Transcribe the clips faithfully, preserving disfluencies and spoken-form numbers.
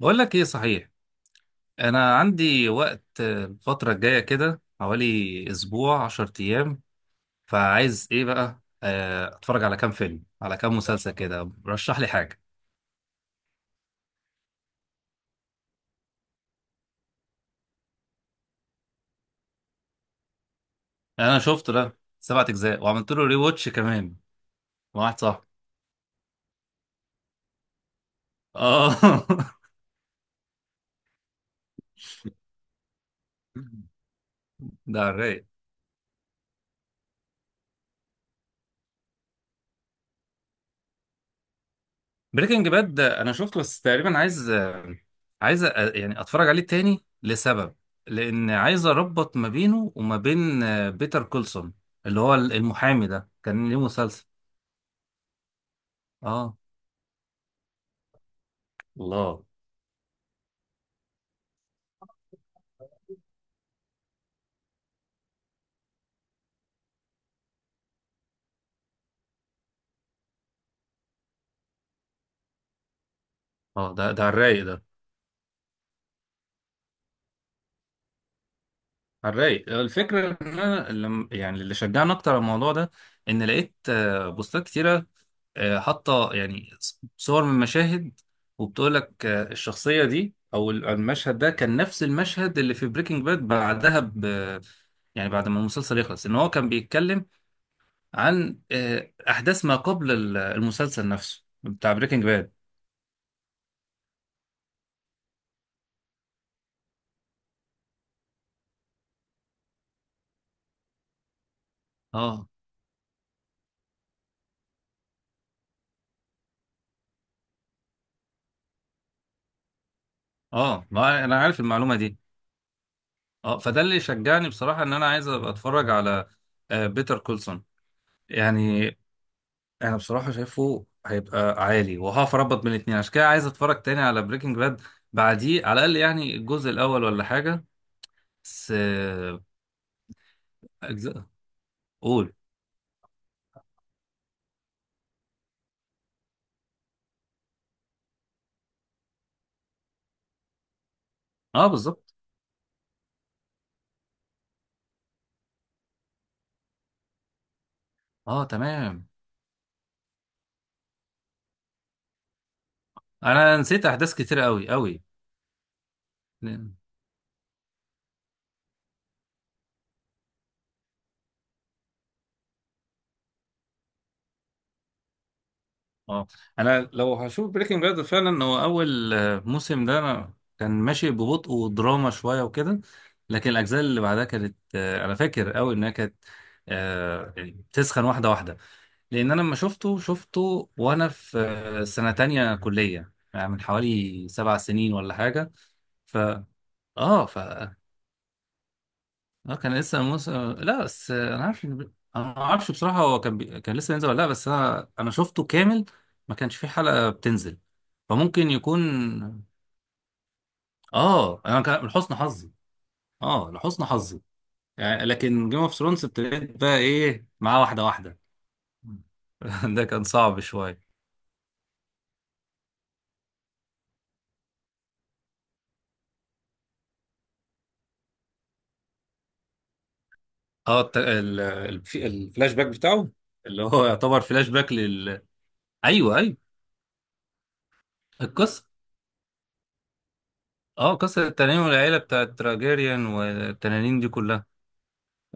بقول لك ايه صحيح. انا عندي وقت، آه، الفتره الجايه كده حوالي اسبوع عشر ايام. فعايز ايه بقى؟ آه، اتفرج على كام فيلم على كام مسلسل كده. رشح لي حاجه. انا شفته، ده سبعة اجزاء وعملت له ري واتش كمان مع واحد صاحبي. اه. ده على الرايق. بريكنج باد انا شفته، بس تقريبا عايز عايز أ- يعني اتفرج عليه تاني لسبب، لان عايز اربط ما بينه وما بين بيتر كولسون، اللي هو المحامي ده كان ليه مسلسل. اه. الله. اه. ده ده على الرايق. ده على الرايق. الفكرة إن أنا لم، يعني اللي شجعني أكتر على الموضوع ده، إن لقيت آه، بوستات كتيرة، آه، حاطة يعني ص- صور من مشاهد، وبتقول لك آه، الشخصية دي أو ال- المشهد ده كان نفس المشهد اللي في بريكنج باد بعدها ب يعني بعد ما المسلسل يخلص، إن هو كان بيتكلم عن آه، أحداث ما قبل ال- المسلسل نفسه بتاع بريكنج باد. اه، اه، ما أنا عارف المعلومة دي. اه، فده اللي شجعني بصراحة إن أنا عايز أبقى أتفرج على بيتر كولسون يعني. انا بصراحه شايفه هيبقى عالي، وهقف اربط بين الاتنين، عشان كده عايز اتفرج تاني على بريكنج باد بعديه، على الاقل يعني الجزء الاول ولا حاجه. بس آه، اجزاء. قول. اه، بالظبط. اه، تمام. انا نسيت احداث كتير قوي قوي. اه، انا لو هشوف بريكنج باد فعلا، هو اول آه، موسم ده انا كان ماشي ببطء ودراما شويه وكده، لكن الاجزاء اللي بعدها كانت، آه، انا فاكر قوي انها كانت آه، يعني بتسخن واحده واحده. لان انا لما شفته شفته وانا في سنه تانية كليه، يعني من حوالي سبع سنين ولا حاجه. ف اه ف اه كان لسه موسى. لا، بس انا عارف إن- انا ما اعرفش بصراحه هو كان بي... كان لسه ينزل ولا لا، بس انا انا شفته كامل. ما كانش فيه حلقه بتنزل، فممكن يكون. اه، انا كان لحسن حظي. اه، لحسن حظي، يعني. لكن جيم اوف ثرونز ابتديت بقى ايه معاه واحده واحده. ده كان صعب شويه. اه، الت- ال- ال- في- الفلاش باك بتاعه، اللي هو يعتبر فلاش باك لل. ايوه، ايوه، القصه. اه، قصه التنانين والعيله بتاعت تراجيريان والتنانين دي كلها.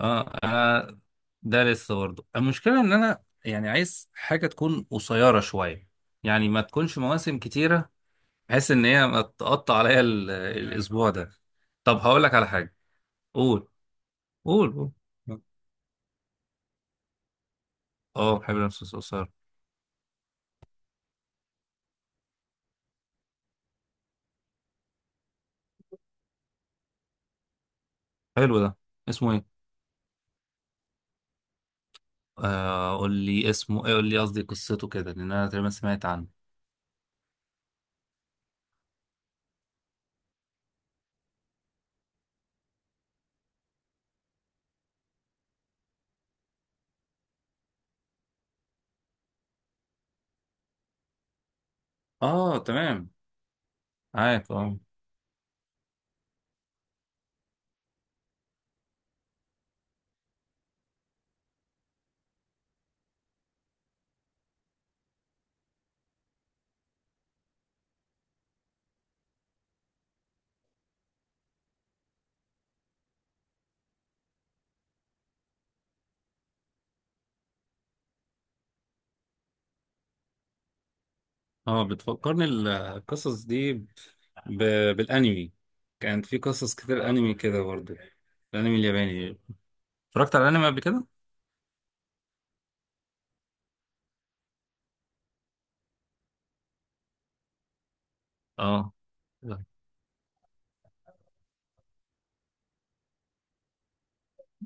اه، انا ده لسه برضه. المشكله ان انا يعني عايز حاجه تكون قصيره شويه، يعني ما تكونش مواسم كتيره، بحيث ان هي ما تقطع عليا ال- الاسبوع ده. طب هقول لك على حاجه. قول، قول، قول. اه، بحب القصص القصيره. حلو ده. اسمه ايه؟ آه، قول لي اسمه ايه، قول لي، قصدي قصته كده، لان انا تقريبا سمعت عنه. اه، تمام. عارف، اه. اه، بتفكرني ال- القصص دي ب... بالانمي. كانت في قصص كتير انمي كده برضه، الانمي الياباني. اتفرجت على الانمي قبل كده. اه،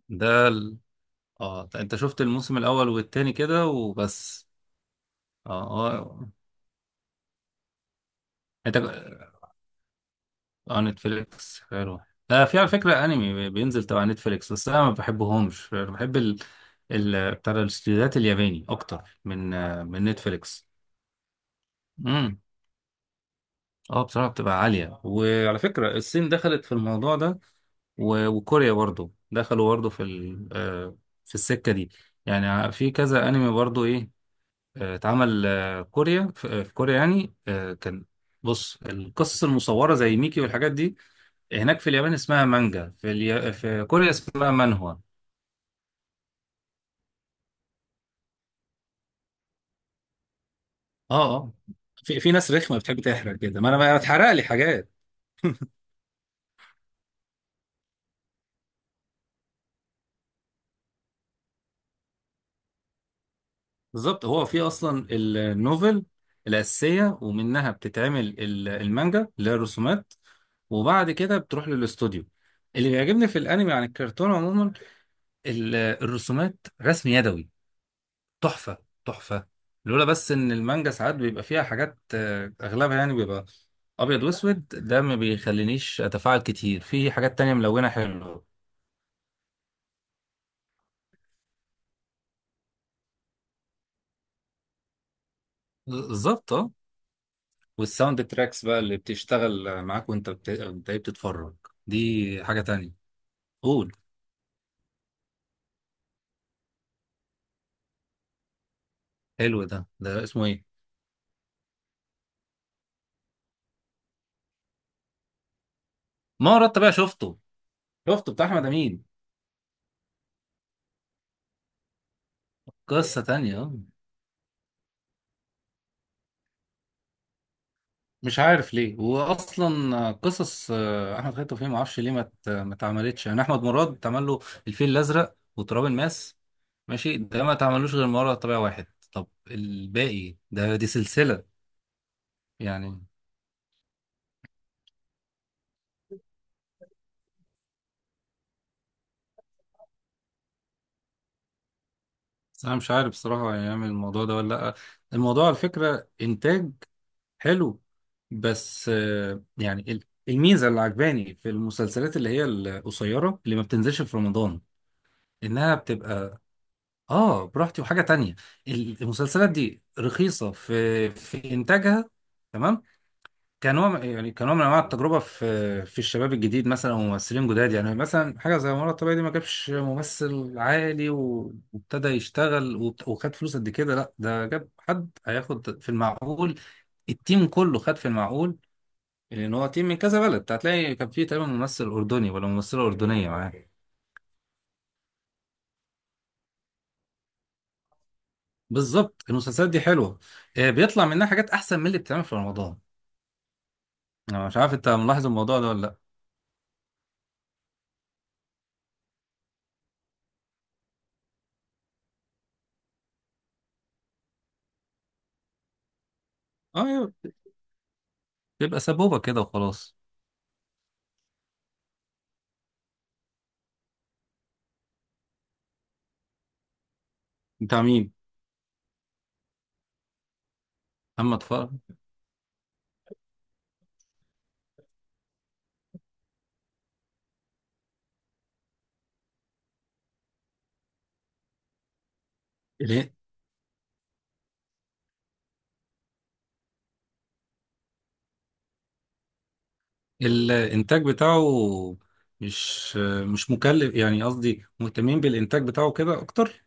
ده ال... اه، انت شفت الموسم الاول والتاني كده وبس. اه، اه، انت. اه، نتفليكس حلو. آه في على فكرة انمي بينزل تبع نتفليكس، بس انا ما بحبهمش، بحب ال ال بتاع الاستديوهات الياباني اكتر من آه من نتفليكس. امم اه، بصراحة بتبقى عالية. وعلى فكرة الصين دخلت في الموضوع ده، و- وكوريا برضو دخلوا برضو في ال آه في السكة دي. يعني في كذا انمي برضو ايه؟ آه، اتعمل آه، كوريا في آه، في كوريا يعني آه، كان. بص، القصص المصورة زي ميكي والحاجات دي، هناك في اليابان اسمها مانجا، في اليا... في كوريا اسمها مانهوا. اه، اه، في في ناس رخمه بتحب تحرق كده، ما انا ما اتحرق لي حاجات. بالظبط. هو في اصلا النوفل الاساسيه، ومنها بتتعمل ال- المانجا اللي هي الرسومات، وبعد كده بتروح للاستوديو. اللي بيعجبني في الانمي عن الكرتون عموما، ال- الرسومات رسم يدوي، تحفه. تحفه. لولا بس ان المانجا ساعات بيبقى فيها حاجات، آه، اغلبها يعني بيبقى ابيض واسود، ده ما بيخلينيش اتفاعل كتير في حاجات تانية ملونة حلوة. بالظبط، اه. والساوند تراكس بقى اللي بتشتغل معاك وانت بت... انت إيه بتتفرج، دي حاجة تانية. قول. حلو ده. ده اسمه ايه؟ ما رحت بقى شفته. شفته بتاع احمد امين. قصة تانية آه. مش عارف ليه، واصلا قصص آه، احمد خالد توفيق ما اعرفش ليه ما ت- ما اتعملتش. يعني احمد مراد اتعمل له الفيل الازرق وتراب الماس، ماشي. ده ما تعملوش غير مرة طبيعي واحد. طب الباقي ده، دي سلسلة. يعني بس أنا مش عارف بصراحة هيعمل الموضوع ده ولا لأ. الموضوع على فكرة إنتاج حلو، بس آه، يعني ال- الميزة اللي عجباني في المسلسلات اللي هي القصيرة اللي ما بتنزلش في رمضان، إنها بتبقى آه براحتي. وحاجة تانية، المسلسلات دي رخيصة في في إنتاجها. تمام. كنوع، يعني كنوع من انواع التجربه في في الشباب الجديد مثلا، وممثلين جداد. يعني مثلا حاجه زي مرة الطبيعي دي، ما جابش ممثل عالي و- وابتدى يشتغل وبت- وخد فلوس قد كده، لا، ده جاب حد هياخد في المعقول. التيم كله خد في المعقول، لان هو تيم من كذا بلد، هتلاقي كان فيه تقريبا ممثل اردني ولا ممثله اردنيه معاه. بالظبط، المسلسلات دي حلوه. آه، بيطلع منها حاجات احسن من اللي بتتعمل في رمضان. انا مش عارف انت ملاحظ الموضوع ده ولا لا؟ اه، بيبقى سبوبه كده وخلاص. بتاع مين؟ محمد فرج. ال- الانتاج بتاعه، مش مش مكلف، يعني قصدي مهتمين بالانتاج بتاعه كده اكتر.